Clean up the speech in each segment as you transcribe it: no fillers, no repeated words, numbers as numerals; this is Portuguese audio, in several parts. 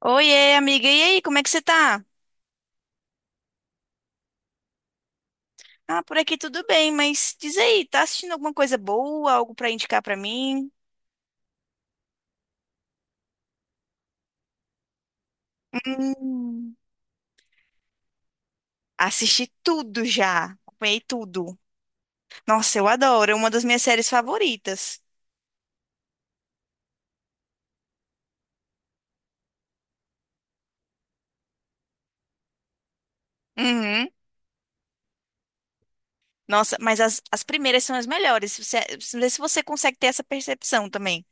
Oiê, amiga, e aí, como é que você tá? Ah, por aqui tudo bem, mas diz aí, tá assistindo alguma coisa boa, algo pra indicar pra mim? Hum, assisti tudo já, acompanhei tudo. Nossa, eu adoro, é uma das minhas séries favoritas. Uhum. Nossa, mas as primeiras são as melhores, você, vê se você consegue ter essa percepção também.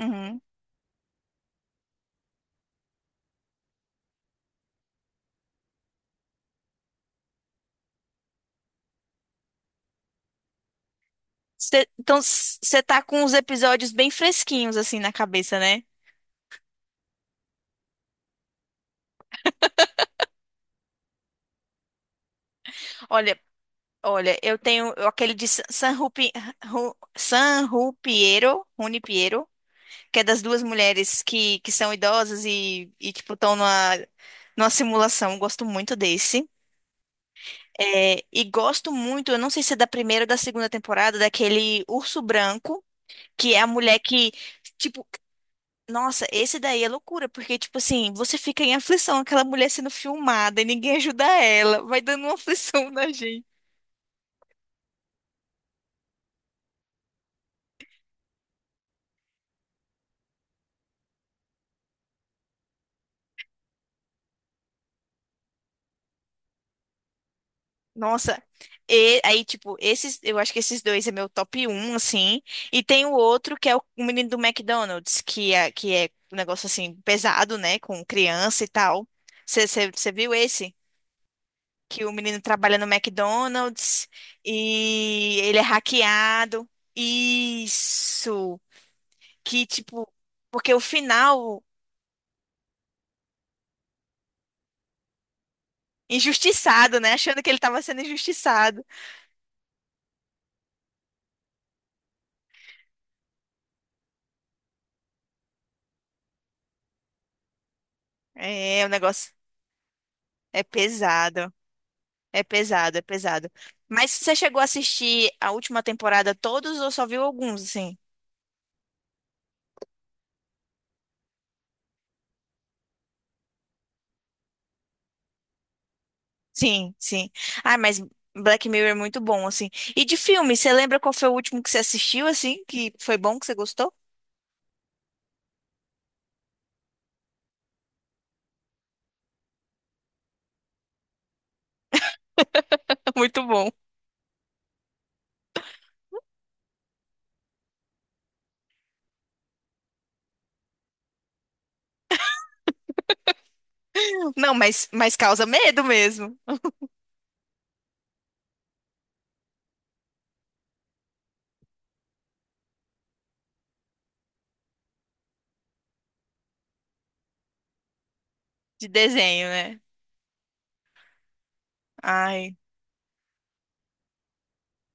Uhum. Então, você tá com os episódios bem fresquinhos assim na cabeça, né? Olha, olha, aquele de San San Rupi, Ru- San Rupiero, Rune Piero, que é das duas mulheres que são idosas e tipo, estão numa, numa simulação. Eu gosto muito desse. É, e gosto muito, eu não sei se é da primeira ou da segunda temporada, daquele Urso Branco, que é a mulher que, tipo, nossa, esse daí é loucura, porque, tipo assim, você fica em aflição, aquela mulher sendo filmada e ninguém ajuda ela, vai dando uma aflição na gente. Nossa, e aí, tipo, esses, eu acho que esses dois é meu top um assim. E tem o outro que é o menino do McDonald's, que é um negócio assim, pesado, né? Com criança e tal. Você viu esse? Que o menino trabalha no McDonald's e ele é hackeado. Isso! Que, tipo, porque o final, injustiçado, né? Achando que ele tava sendo injustiçado. É, o negócio é pesado. É pesado, é pesado. Mas você chegou a assistir a última temporada todos ou só viu alguns, assim? Sim, sim. Ah, mas Black Mirror é muito bom, assim. E de filme, você lembra qual foi o último que você assistiu, assim? Que foi bom, que você gostou? Muito bom. Não, mas causa medo mesmo. De desenho, né? Ai,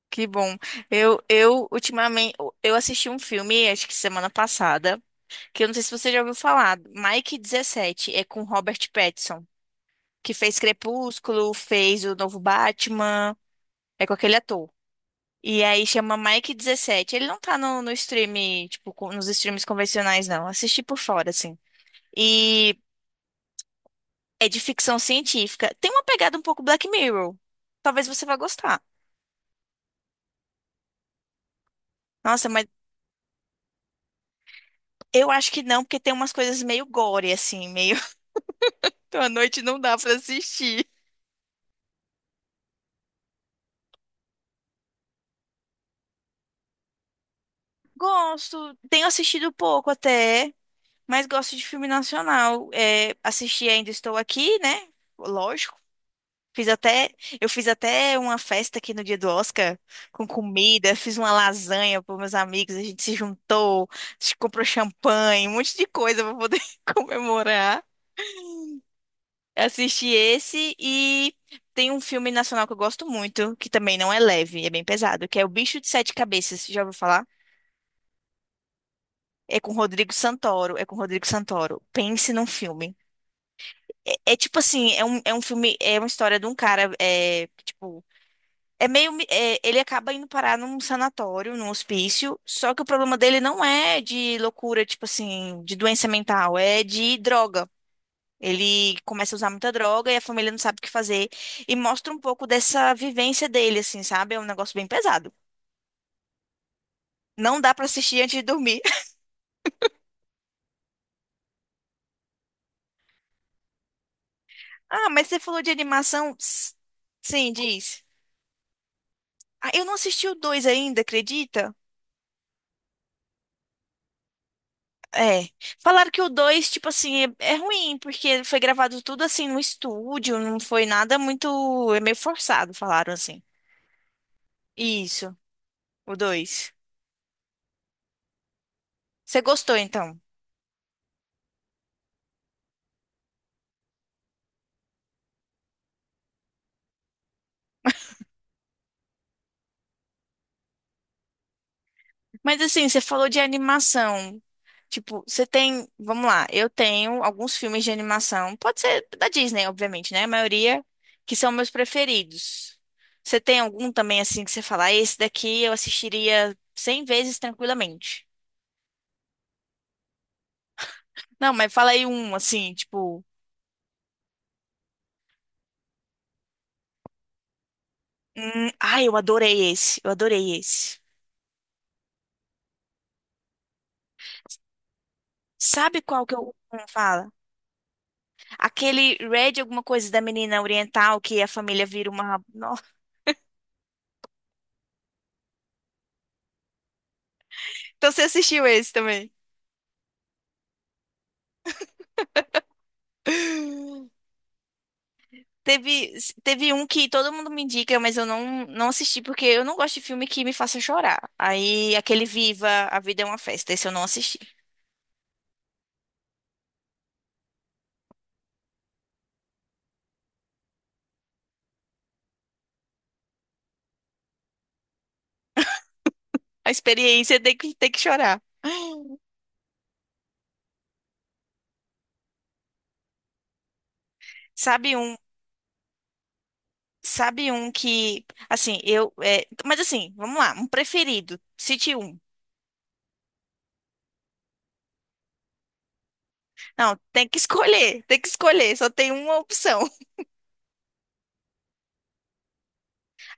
que bom. Ultimamente, eu assisti um filme, acho que semana passada, que eu não sei se você já ouviu falar, Mike dezessete é com Robert Pattinson. Que fez Crepúsculo, fez o novo Batman, é com aquele ator. E aí chama Mike dezessete. Ele não tá no stream, tipo, nos streams convencionais, não. Assisti por fora, assim. E é de ficção científica. Tem uma pegada um pouco Black Mirror. Talvez você vá gostar. Nossa, mas eu acho que não, porque tem umas coisas meio gore, assim, meio. Então à noite não dá pra assistir. Gosto, tenho assistido pouco até, mas gosto de filme nacional. É, assisti Ainda Estou Aqui, né? Lógico. Fiz até, eu fiz até uma festa aqui no dia do Oscar com comida, fiz uma lasanha para meus amigos, a gente se juntou, a gente comprou champanhe, um monte de coisa para poder comemorar. Assisti esse e tem um filme nacional que eu gosto muito, que também não é leve, é bem pesado, que é O Bicho de Sete Cabeças, já ouviu falar? É com Rodrigo Santoro, é com Rodrigo Santoro. Pense num filme. É, é tipo assim, é um filme, é uma história de um cara, é, tipo, é meio, ele acaba indo parar num sanatório, num hospício, só que o problema dele não é de loucura, tipo assim, de doença mental, é de droga. Ele começa a usar muita droga e a família não sabe o que fazer e mostra um pouco dessa vivência dele, assim, sabe? É um negócio bem pesado. Não dá pra assistir antes de dormir. Ah, mas você falou de animação? Sim, diz. Ah, eu não assisti o dois ainda, acredita? É. Falaram que o 2 tipo assim, é ruim, porque foi gravado tudo assim no estúdio, não foi nada muito. É meio forçado, falaram assim. Isso, o dois. Você gostou então? Mas assim, você falou de animação. Tipo, você tem. Vamos lá, eu tenho alguns filmes de animação. Pode ser da Disney, obviamente, né? A maioria que são meus preferidos. Você tem algum também assim que você fala, "Ah, esse daqui eu assistiria 100 vezes tranquilamente?" Não, mas fala aí um, assim, tipo. Ai, eu adorei esse. Eu adorei esse. Sabe qual que eu não fala? Aquele Red alguma coisa da menina oriental que a família vira uma. Nossa. Então você assistiu esse também? Teve, teve um que todo mundo me indica, mas eu não, não assisti porque eu não gosto de filme que me faça chorar. Aí aquele Viva, A Vida é uma Festa, esse eu não assisti. A experiência tem que chorar. Sabe um, sabe um que, assim, eu, é, mas assim, vamos lá, um preferido, cite um. Não, tem que escolher, só tem uma opção.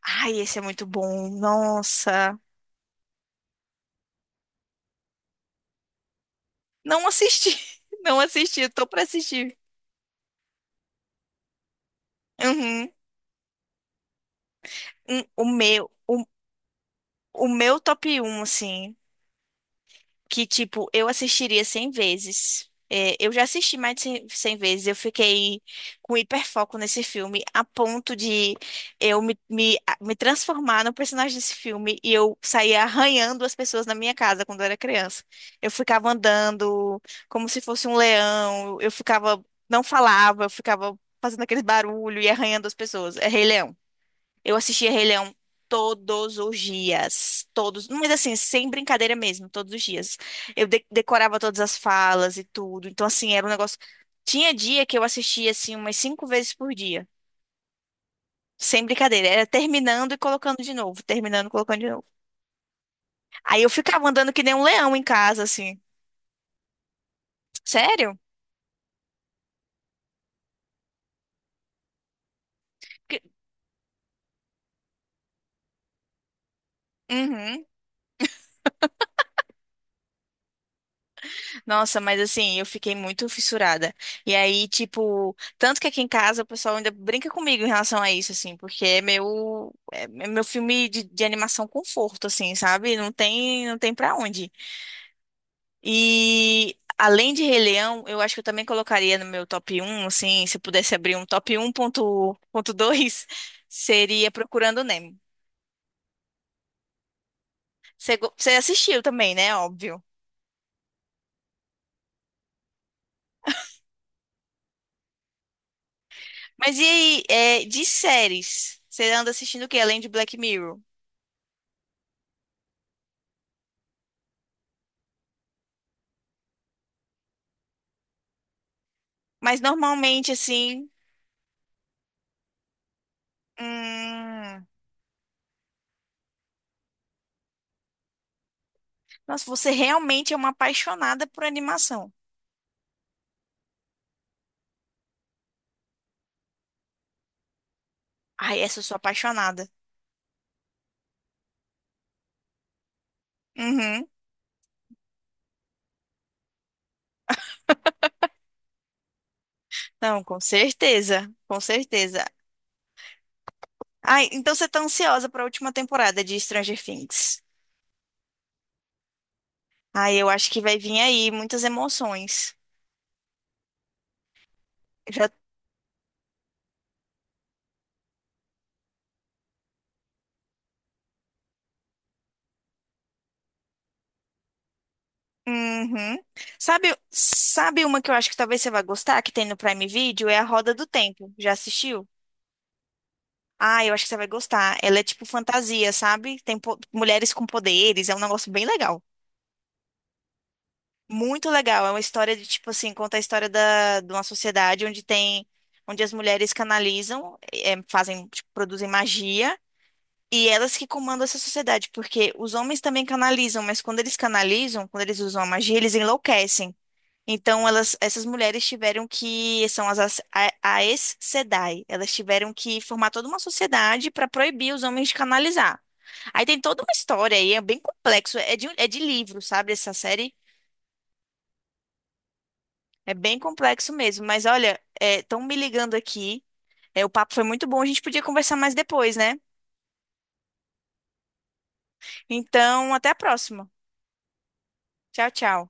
Ai, esse é muito bom. Nossa, não assisti, não assisti, eu tô pra assistir. Uhum. Hum, O meu, o, o meu top um, assim, que, tipo, eu assistiria 100 vezes. É, eu já assisti mais de 100 100 vezes. Eu fiquei com hiperfoco nesse filme, a ponto de eu me, me, a- me transformar no personagem desse filme e eu saía arranhando as pessoas na minha casa quando eu era criança. Eu ficava andando como se fosse um leão, eu ficava, não falava, eu ficava fazendo aquele barulho e arranhando as pessoas. É Rei Leão. Eu assistia Rei Leão todos os dias, todos, mas assim, sem brincadeira mesmo, todos os dias. Eu decorava todas as falas e tudo. Então assim, era um negócio. Tinha dia que eu assistia assim umas cinco vezes por dia. Sem brincadeira, era terminando e colocando de novo, terminando e colocando de novo. Aí eu ficava andando que nem um leão em casa, assim. Sério? Que- Uhum. Nossa, mas assim, eu fiquei muito fissurada. E aí, tipo, tanto que aqui em casa o pessoal ainda brinca comigo em relação a isso, assim, porque é meu, é meu filme de animação conforto, assim, sabe? Não tem, não tem pra onde. E além de Rei Leão, eu acho que eu também colocaria no meu top um, assim, se eu pudesse abrir um top um ponto dois seria Procurando Nemo. Você assistiu também, né? Óbvio. Mas e aí, é, de séries? Você anda assistindo o quê? Além de Black Mirror? Mas normalmente, assim. Hum... Nossa, você realmente é uma apaixonada por animação. Ai, essa eu sou apaixonada. Uhum. Não, com certeza. Com certeza. Ai, então você tá ansiosa pra última temporada de Stranger Things. Ai, eu acho que vai vir aí muitas emoções. Já. Uhum. Sabe, sabe uma que eu acho que talvez você vá gostar, que tem no Prime Video? É A Roda do Tempo. Já assistiu? Ah, eu acho que você vai gostar. Ela é tipo fantasia, sabe? Tem mulheres com poderes, é um negócio bem legal. Muito legal. É uma história de tipo assim, conta a história de uma sociedade onde tem, onde as mulheres canalizam, fazem, tipo, produzem magia. E elas que comandam essa sociedade, porque os homens também canalizam, mas quando eles canalizam, quando eles usam a magia, eles enlouquecem. Então, elas, essas mulheres tiveram que, são Aes Sedai, elas tiveram que formar toda uma sociedade para proibir os homens de canalizar. Aí tem toda uma história aí, é bem complexo, é de livro, sabe, essa série? É bem complexo mesmo, mas olha, estão me ligando aqui, é, o papo foi muito bom, a gente podia conversar mais depois, né? Então, até a próxima. Tchau, tchau.